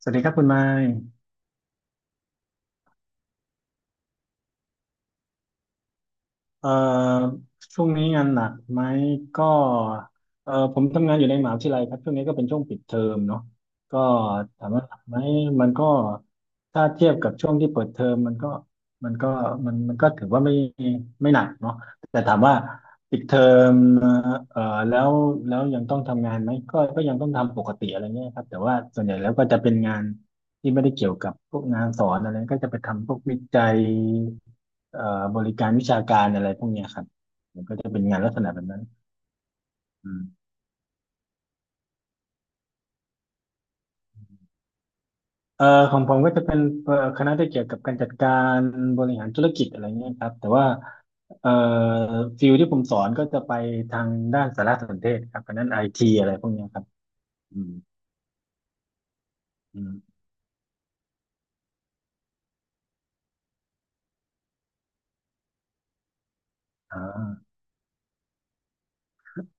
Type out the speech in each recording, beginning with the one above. สวัสดีครับคุณไม้เอ่อช่วงนี้งานหนักไหมก็ผมทำงานอยู่ในมหาวิทยาลัยครับช่วงนี้ก็เป็นช่วงปิดเทอมเนาะก็ถามว่าหนักไหมมันก็ถ้าเทียบกับช่วงที่เปิดเทอมมันก็มันก็ถือว่าไม่หนักเนาะแต่ถามว่าปิดเทอมเอ่อแล้วแล้วยังต้องทำงานไหมก็ยังต้องทำปกติอะไรเงี้ยครับแต่ว่าส่วนใหญ่แล้วก็จะเป็นงาน ที่ไม่ได้เกี่ยวกับพวกงานสอนอะไรก็จะไปทำพวกวิจัยบริการวิชาการอะไรพวกเนี้ยครับมันก็จะเป็นงานลักษณะแบบนั้นอืมเอ่อของผมก็จะเป็นคณะที่เกี่ยวกับการจัดการบริหารธุรกิจอะไรเงี้ยครับแต่ว่าเอ่อฟิลที่ผมสอนก็จะไปทางด้านสารสนเทศครับคณะไอทีอะไรพวกเนี้ยครับอืมอืมอ่า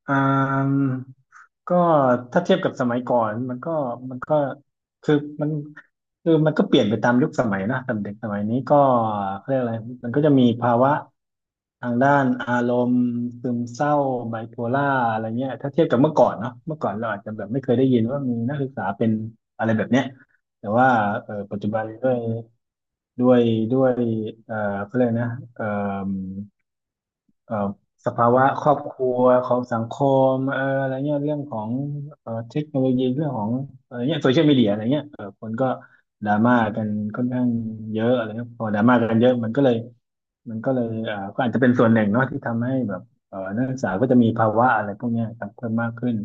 อ่าก็ถ้าเทียบกับสมัยก่อนมันก็คือมันคือมันก็เปลี่ยนไปตามยุคสมัยนะแต่เด็กสมัยนี้ก็เขาเรียกอะไรมันก็จะมีภาวะทางด้านอารมณ์ซึมเศร้าไบโพล่าอะไรเงี้ยถ้าเทียบกับเมื่อก่อนเนาะเมื่อก่อนเราอาจจะแบบไม่เคยได้ยินว่ามีนักศึกษาเป็นอะไรแบบเนี้ยแต่ว่าเออปัจจุบันด้วยด้วยเอ่อเขาเรียกนะเอ่อสภาวะครอบครัวของสังคมอะไรเงี้ยเรื่องของเทคโนโลยีเรื่องของอะไรเงี้ยโซเชียลมีเดียอะไรเงี้ยเออคนก็ดราม่ากันค่อนข้างเยอะอะไรเงี้ยพอดราม่ากันเยอะมันก็เลยก็อาจจะเป็นส่วนหนึ่งเนาะที่ทำให้แบบนักศึกษาก็จะมีภาวะอะไรพวกเนี้ยครับเพิ่มมากขึ้น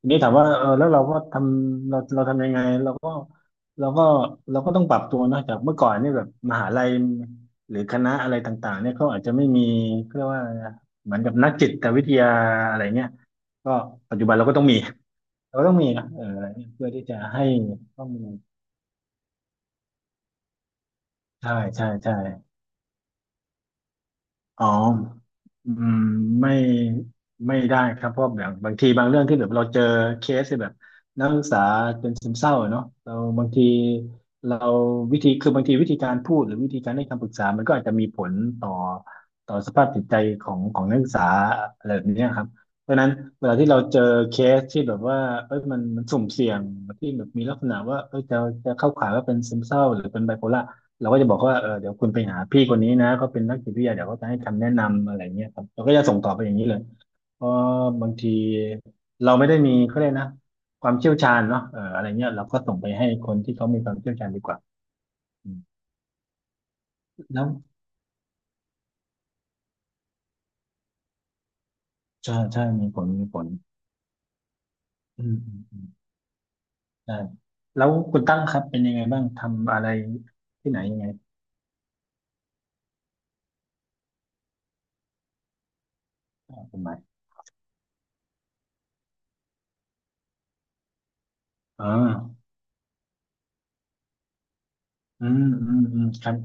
ทีนี้ถามว่าเออแล้วเราก็ทำเราทำยังไงเราก็เราก็ต้องปรับตัวเนอะจากเมื่อก่อนเนี่ยแบบมหาลัยหรือคณะอะไรต่างๆเนี่ยเขาอาจจะไม่มีเขาเรียกว่าเหมือนกับนักจิตวิทยาอะไรเงี้ยก็ปัจจุบันเราก็ต้องมีนะเอออะไรเงี้ยเพื่อที่จะให้ข้อมูลใช่ใช่ อ๋ออืมไม่ไม่ได้ครับเพราะแบบบางทีบางเรื่องที่แบบเราเจอเคสที่แบบนักศึกษาเป็นซึมเศร้าอะเนาะเราบางทีเราวิธีคือบางทีวิธีการพูดหรือวิธีการให้คำปรึกษามันก็อาจจะมีผลต่อต่อสภาพจิตใจของนักศึกษาอะไรแบบเนี้ยครับเพราะฉะนั้นเวลาที่เราเจอเคสที่แบบว่าเอ้ยมันมันสุ่มเสี่ยงที่แบบมีลักษณะว่าเอ้ยจะเข้าข่ายว่าเป็นซึมเศร้าหรือเป็นไบโพล่า เราก็จะบอกว่าเออเดี๋ยวคุณไปหาพี่คนนี้นะเขาเป็นนักจิตวิทยาเดี๋ยวเขาจะให้คำแนะนำอะไรเงี้ยครับเราก็จะส่งต่อไปอย่างนี้เลยเพราะบางทีเราไม่ได้มีเขาเรียกนะความเชี่ยวชาญเนาะเอออะไรเงี้ยเราก็ส่งไปให้คนที่เขามีความเชี่ยวชาญดีกว่าอืมแล้วใช่ใช่มีผลมีผลอืมอืมอืมใช่แล้วคุณตั้งครับเป็นยังไงบ้าง ทำอะไรที่ไหนยังไงคุณหมายอ่า อืมอืมอืมครับ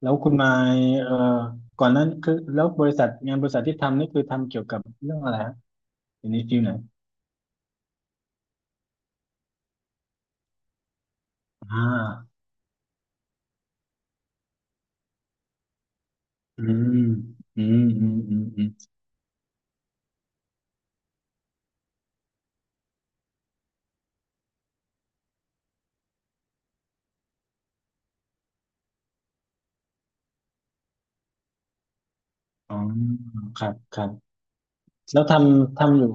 แล้วคุณมายก่อนนั้นคือแล้วบริษัทงานบริษัทที่ทำนี่คือทำเกี่ยวกับเรื่องอะไรฮะอยู่ในฟิลไหนอ่าอืมอืมอืมอืมอืมอ๋อครับครับแล้วทำอยู่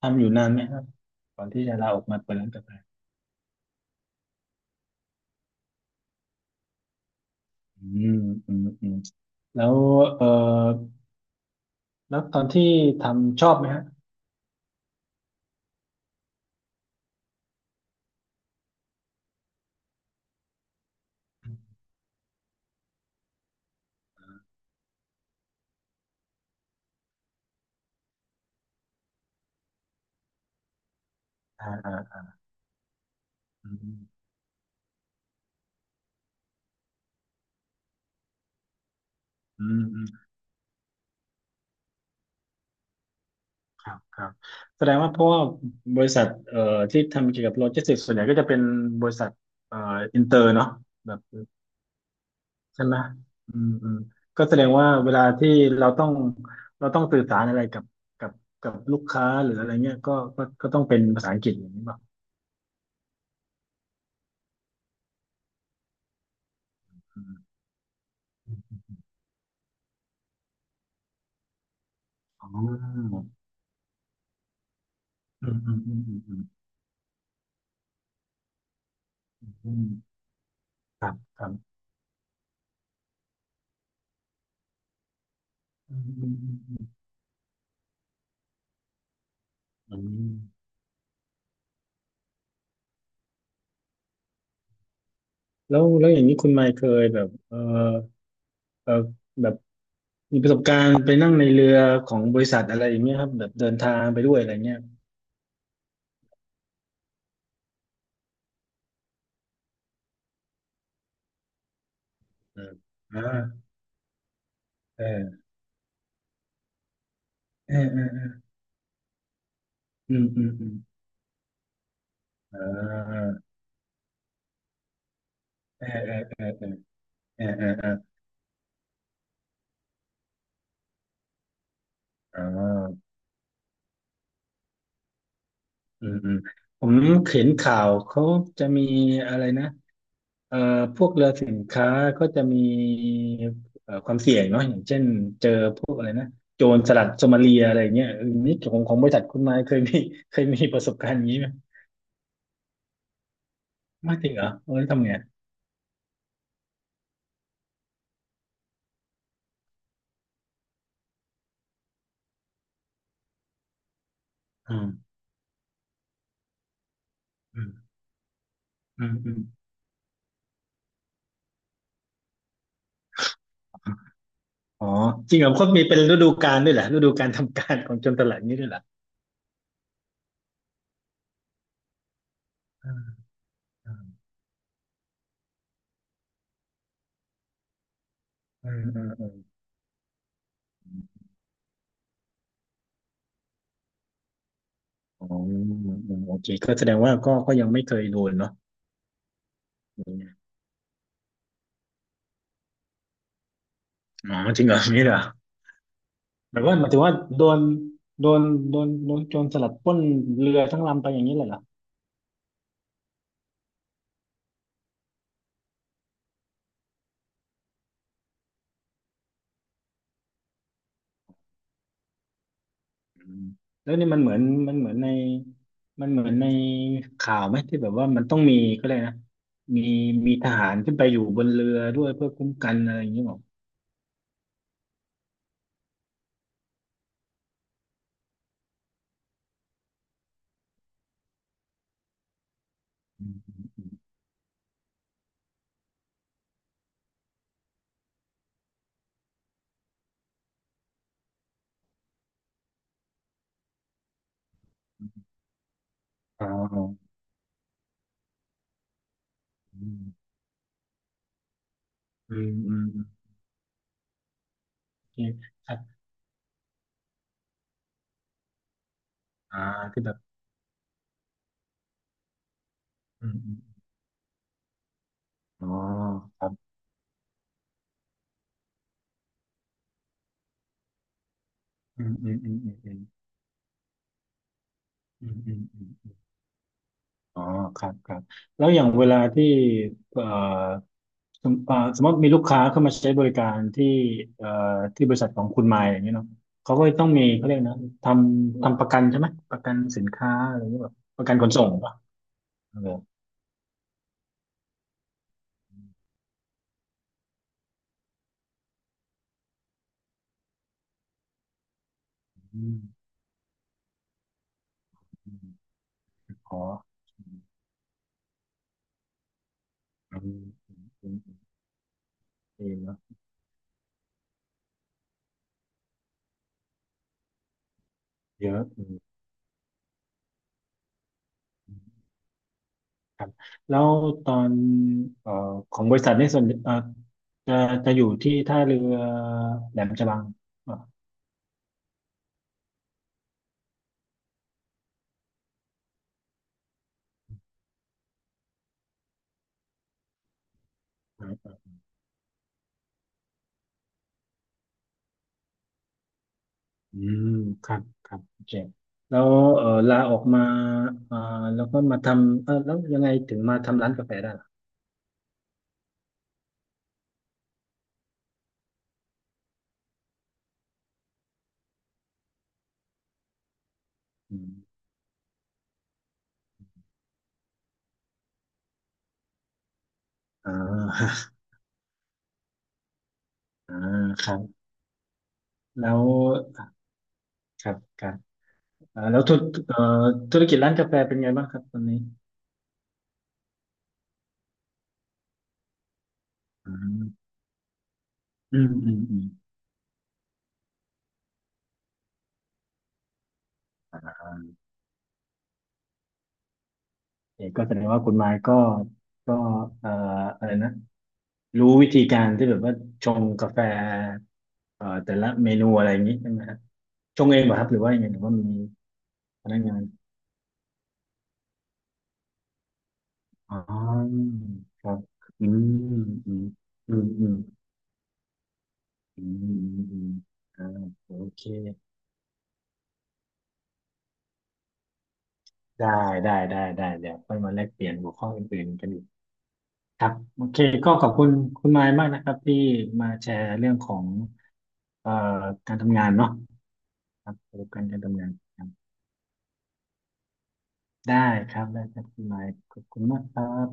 ทำอยู่นานไหมครับก่อนที่จะลาออกมาเปิดร้านกาแฟอืมอืมอืมแล้วเอ่อแล้วตอนที่ทำชอบไหมฮะอ่าอืมอืม ครับครับแสดงว่าเพราะว่าบริษัทที่ทำเกี่ยวกับโลจิสติกส์ส่วนใหญ่ก็จะเป็นบริษัทเอ่ออินเตอร์เนาะแบบใช่ไหมอืมอืมก็แสดงว่าเวลาที่เราต้องเราต้องสื่อสารอะไรกับกับลูกค้าหรืออะไรเงี้ยก็ต้องเป็นภาษาอังกฤษอย่างนี้ป่ะอมอ๋ออืมอืมอืมอืมอืมครับครับอืมอืมอืมอืม แล้วแล้วอย่างนี้คุณไมค์เคยแบบเออเออแบบมีประสบการณ์ไปนั่งในเรือของบริษัทอะไรอย่างเงี้ยครับแบบเดินทางไปด้วยอะไรเงี้ยอืมอ่าเออเออเออเอออืมอืมอืมอ่าเออเออเออเออเออเออเอออ๋อ อืมอืมผมเห็นข่าวเขาจะมีอะไรนะเอ่อพวกเรือสินค้าก็จะมีความเสี่ยงเนาะอย่างเช่นเจอพวกอะไรนะโจรสลัดโซมาเลียอะไรเงี้ยเออนี่ของบริษัทคุณนายเคยมีเคยมีประสบการณ์อย่างนี้ไหมไม่จริงเหรอเออทำไงอืมอืมอืมอืมอ๋อจริงเหรอเขามีเป็นฤดูกาลด้วยเหรอฤดูการทำการของโจรสลัดนี้ด้วยเหรออืมอืมอืมอืมอืมอ๋ออือืมโอเคก็แสดงว่าก็ยังไม่เคยโดนเนาะ อ๋อจริงเหรอมีเหรอแบบว่าหมายถึงว่าโดนโดนโจรสลัดปล้นเรือทั้งลำไปอย่างนี้เลยเหรออืมแล้วนี่มันเหมือนมันเหมือนในมันเหมือนในข่าวไหมที่แบบว่ามันต้องมีก็เลยกนะ มีมีทหารขึ้นไปอยู่บนเรือด้วยเพื่อคุ้มกันอะไรอย่างนี้หรออ๋ออืมอืมอืมอืมโอเคครับอ่าที่แบบอืมอืมอ๋อครับอืมอืมอืมอืมอืมอืมอืม อ๋อ ครับ ครับแล้วอย่างเวลาที่เอ่อสมสมมติมีลูกค้าเข้ามาใช้บริการที่เอ่อที่บริษัทของคุณมายอย่างเงี้ยเนาะเขาก็ต้องมีเขาเรียกนะททำประกันใช่ไหม ประกันสินค้าอะไรอย่างเงี้ยแบบประกันขนส่งป่ะเอออืมอืมอ๋ออืมอืมอืมอืมเนอะเยอะอืมครับแล้วตอนเอ่อของบริษัทนี่ส่วนจะจะอยู่ที่ท่าเรือแหลมฉบังอ่ะ อืมครับครับโอเคแล้วเออลาออกมาอ่าแล้วก็มาทำเออแล้วยังไงถึงมาทำร้านกาแฟได้ล่ะอืมอ่า อ่าครับ แล้วครับครับอ่าแล้วธุรเอ่อธุรกิจร้านกาแฟเป็นไงบ้างครับตอนนี้อืมอืมอืมอืมอ่าเอกก็แสดงว่าคุณไม้ก็ก็เอ่ออะไรนะรู้วิธีการที่แบบว่าชงกาแฟแต่ละเมนูอะไรอย่างนี้ใช่ไหมครับชงเองเหรอครับหรือว่ายังไงหรือว่ามีพนักงาน อ๋อครับอืมอืมอืมอืมอืมอืมอืมอ่าโอเคได้ ได้เดี๋ยวค่อยมาแลกเปลี่ยนหัวข้ออื่นๆกันอีกครับโอเคก็ขอบคุณคุณไมค์มากนะครับที่มาแชร์เรื่องของเอ่อการทำงานเนาะครับประสบการณ์การทำงานครับได้ครับได้ครับคุณไมค์ขอบคุณมากครับ